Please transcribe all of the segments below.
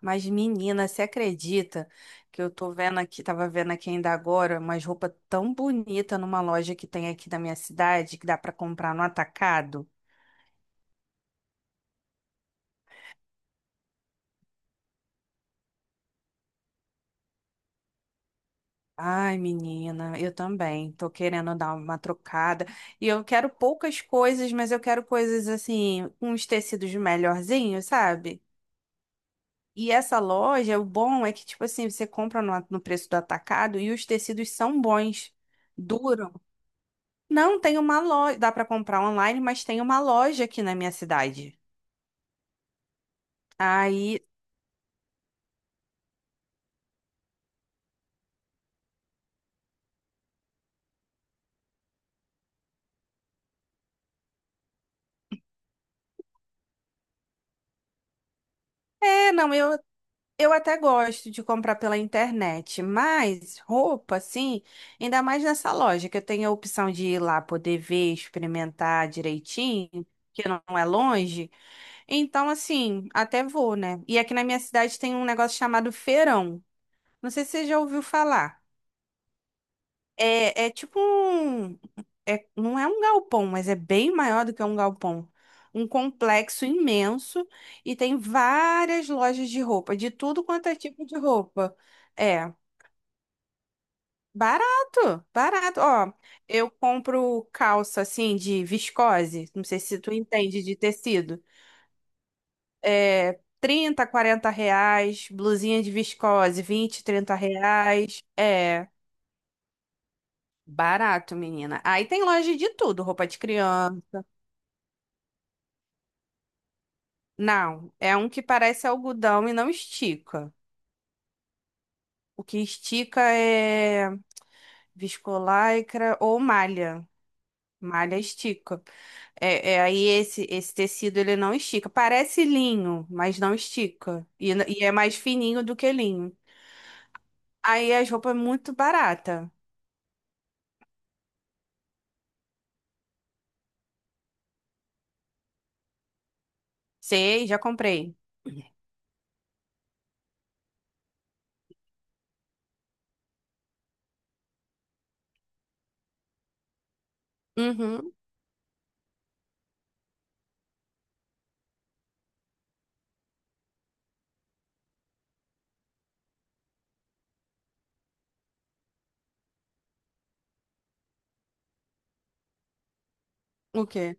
Mas, menina, você acredita que eu tô vendo aqui, tava vendo aqui ainda agora, umas roupas tão bonita numa loja que tem aqui da minha cidade, que dá pra comprar no atacado? Ai, menina, eu também tô querendo dar uma trocada. E eu quero poucas coisas, mas eu quero coisas assim, com uns tecidos melhorzinhos, sabe? E essa loja, o bom é que, tipo assim, você compra no preço do atacado e os tecidos são bons, duram. Não, tem uma loja. Dá pra comprar online, mas tem uma loja aqui na minha cidade. Aí. É, não, eu até gosto de comprar pela internet, mas roupa, assim, ainda mais nessa loja, que eu tenho a opção de ir lá poder ver, experimentar direitinho, que não é longe. Então, assim, até vou, né? E aqui na minha cidade tem um negócio chamado feirão. Não sei se você já ouviu falar. É tipo um. É, não é um galpão, mas é bem maior do que um galpão. Um complexo imenso e tem várias lojas de roupa, de tudo quanto é tipo de roupa. É, barato, barato. Ó, eu compro calça assim de viscose, não sei se tu entende de tecido. É, R$ 30, R$ 40. Blusinha de viscose, R$ 20, R$ 30. É, barato, menina. Aí tem loja de tudo, roupa de criança. Não, é um que parece algodão e não estica. O que estica é viscolaicra ou malha. Malha estica. É, aí esse tecido ele não estica. Parece linho, mas não estica. E, e é mais fininho do que linho. Aí as roupas é muito barata. Sei, já comprei. Uhum. O quê?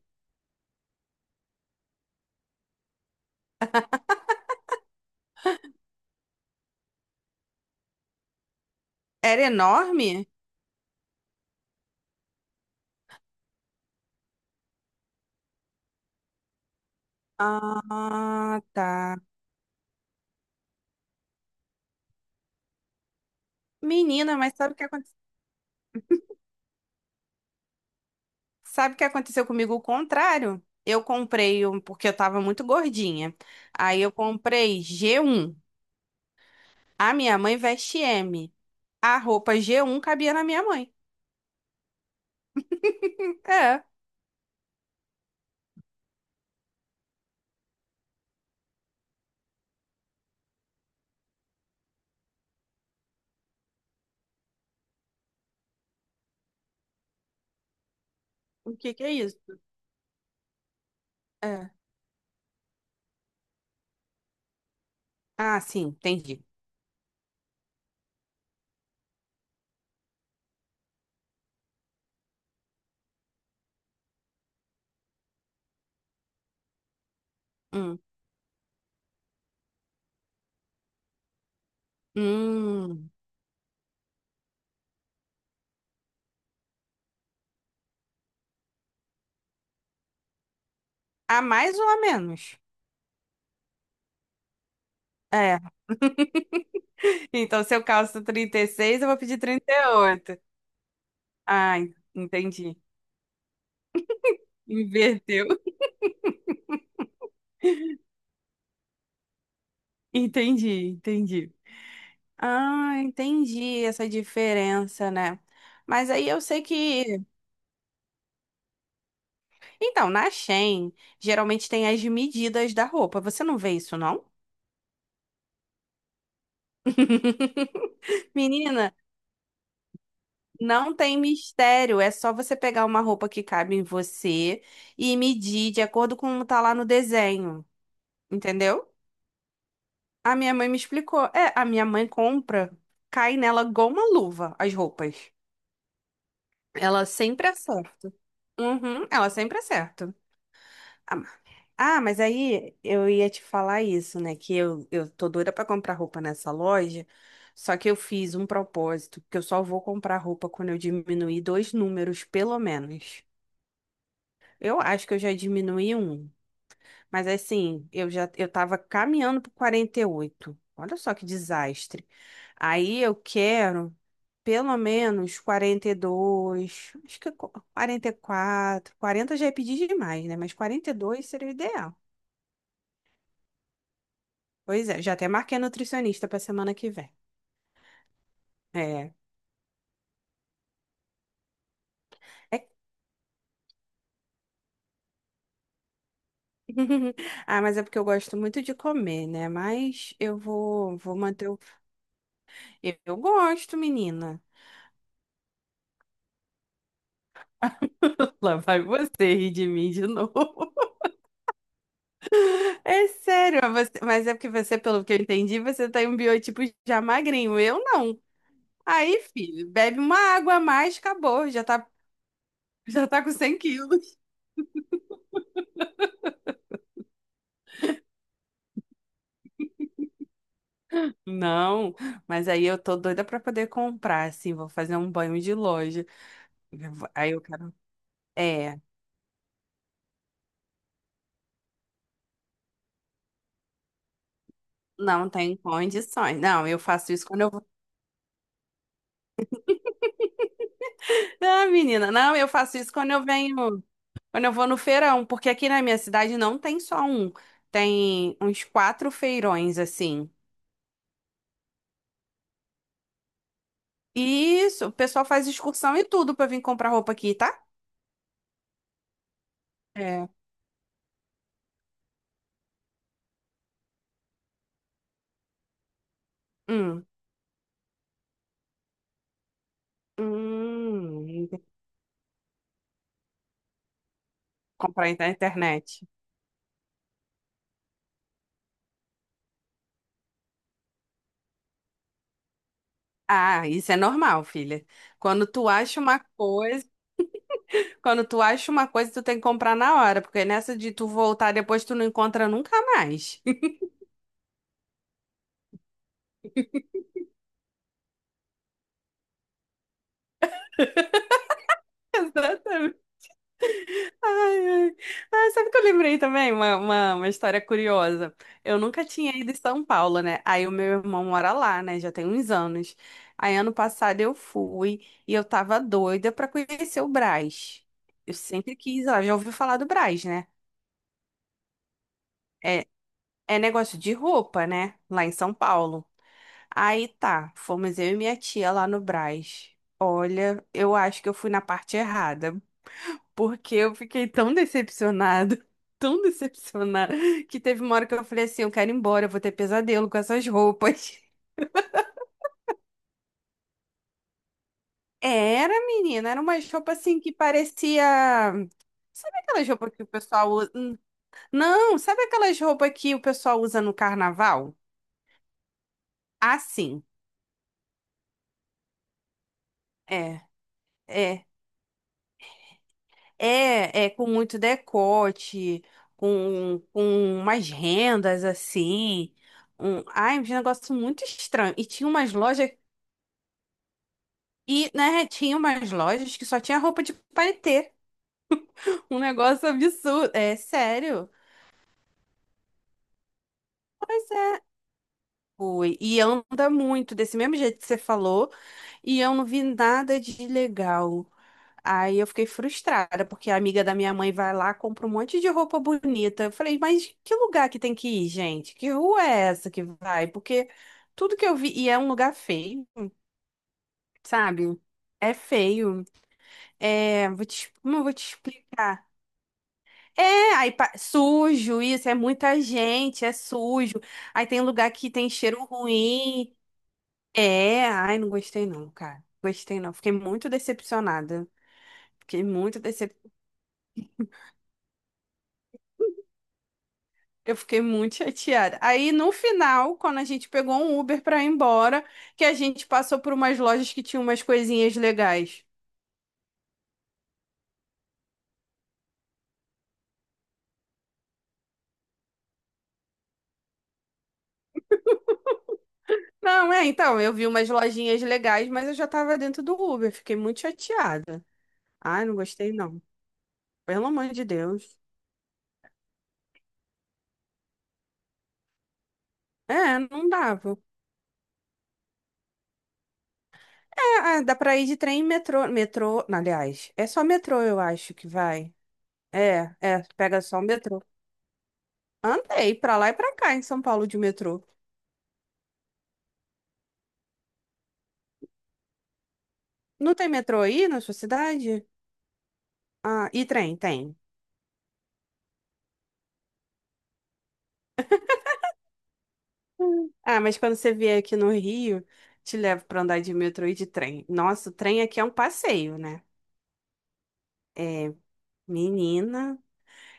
Era enorme? Ah, tá. Menina, mas sabe o que aconteceu? Sabe o que aconteceu comigo? O contrário. Eu comprei, porque eu tava muito gordinha. Aí eu comprei G1. A minha mãe veste M. A roupa G1 cabia na minha mãe. É. O que que é isso? É. Ah, sim, entendi. Hum. Hum. A mais ou a menos? É. Então, se eu calço 36, eu vou pedir 38. Ah, entendi. Inverteu. Entendi, entendi. Ah, entendi essa diferença, né? Mas aí eu sei que. Então, na Shein, geralmente tem as medidas da roupa. Você não vê isso, não? Menina, não tem mistério. É só você pegar uma roupa que cabe em você e medir de acordo com como tá lá no desenho. Entendeu? A minha mãe me explicou. É, a minha mãe compra, cai nela igual uma luva as roupas. Ela sempre acerta. Uhum, ela sempre acerta. Ah, mas aí eu ia te falar isso, né? Que eu tô doida pra comprar roupa nessa loja, só que eu fiz um propósito, que eu só vou comprar roupa quando eu diminuir dois números, pelo menos. Eu acho que eu já diminuí um, mas assim, eu tava caminhando pro 48. Olha só que desastre. Aí eu quero pelo menos 42, acho que 44, 40 já é pedir demais, né? Mas 42 seria o ideal. Pois é, já até marquei nutricionista pra semana que vem. É. É- Ah, mas é porque eu gosto muito de comer, né? Mas eu vou, vou manter o. Eu gosto, menina. Lá vai você rir de mim de novo. É sério, mas você- mas é porque você, pelo que eu entendi, você tem um biotipo já magrinho. Eu não. Aí, filho, bebe uma água a mais, acabou. Já tá com 100 kg. Não, mas aí eu tô doida pra poder comprar, assim, vou fazer um banho de loja. Eu vou- Aí eu quero. É, não tem condições. Não, eu faço isso quando eu vou. Ah, menina, não, eu faço isso quando eu venho, quando eu vou no feirão, porque aqui na minha cidade não tem só um, tem uns quatro feirões assim. E isso, o pessoal faz excursão e tudo pra vir comprar roupa aqui, tá? É. Hum. Hum. Comprar na internet. Ah, isso é normal, filha. Quando tu acha uma coisa, quando tu acha uma coisa, tu tem que comprar na hora, porque nessa de tu voltar depois tu não encontra nunca mais. Exatamente. Ai, ai. Ai, sabe que eu lembrei também? Uma história curiosa. Eu nunca tinha ido em São Paulo, né? Aí o meu irmão mora lá, né? Já tem uns anos. Aí ano passado eu fui e eu tava doida pra conhecer o Brás. Eu sempre quis ir lá, já ouviu falar do Brás, né? É, é negócio de roupa, né? Lá em São Paulo. Aí tá, fomos eu e minha tia lá no Brás. Olha, eu acho que eu fui na parte errada. Porque eu fiquei tão decepcionada, tão decepcionada, que teve uma hora que eu falei assim, eu quero ir embora, eu vou ter pesadelo com essas roupas. Era, menina, era uma roupa assim que parecia. Sabe aquelas roupas que o pessoal usa? Não, sabe aquelas roupas que o pessoal usa no carnaval? Assim, é, é, é com muito decote, com umas rendas assim. Um... Ai, um negócio muito estranho. E tinha umas lojas. E, né, tinha umas lojas que só tinha roupa de paetê. Um negócio absurdo. É sério? Pois é. Fui. E anda muito, desse mesmo jeito que você falou. E eu não vi nada de legal. Aí eu fiquei frustrada, porque a amiga da minha mãe vai lá, compra um monte de roupa bonita. Eu falei, mas que lugar que tem que ir, gente? Que rua é essa que vai? Porque tudo que eu vi, e é um lugar feio, sabe? É feio. É, vou te, como eu vou te explicar? É, aí sujo isso, é muita gente, é sujo. Aí tem lugar que tem cheiro ruim. É, ai, não gostei não, cara. Gostei não. Fiquei muito decepcionada. Fiquei muito decep... Eu fiquei muito chateada. Aí no final, quando a gente pegou um Uber pra ir embora, que a gente passou por umas lojas que tinham umas coisinhas legais. Não, é, então, eu vi umas lojinhas legais, mas eu já tava dentro do Uber. Fiquei muito chateada. Ai, não gostei não. Pelo amor de Deus. É, não dava. Ah, dá pra ir de trem e metrô. Metrô, não, aliás, é só metrô, eu acho que vai. É, pega só o metrô. Andei pra lá e pra cá em São Paulo de metrô. Não tem metrô aí na sua cidade? Ah, e trem, tem. Hum. Ah, mas quando você vier aqui no Rio, te levo pra andar de metrô e de trem. Nossa, o trem aqui é um passeio, né? Menina,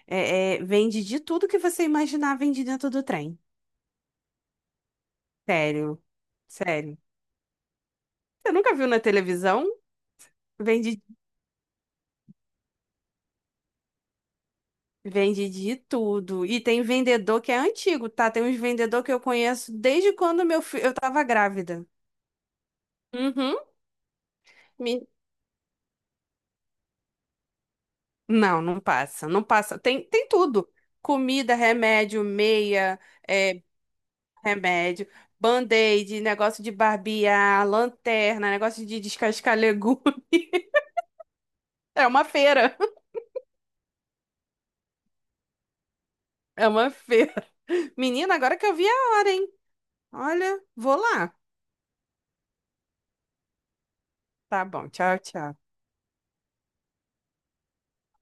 é, vende de tudo que você imaginar, vende dentro do trem. Sério, sério. Você nunca viu na televisão? Vende Vende de tudo. E tem vendedor que é antigo, tá? Tem uns vendedor que eu conheço desde quando meu filho, eu tava grávida. Uhum. Me- Não, não passa, não passa. Tem tudo. Comida, remédio, meia, é, remédio, band-aid, negócio de barbear, lanterna, negócio de descascar legume. É uma feira. É uma feira. Menina, agora que eu vi a hora, hein? Olha, vou lá. Tá bom, tchau, tchau.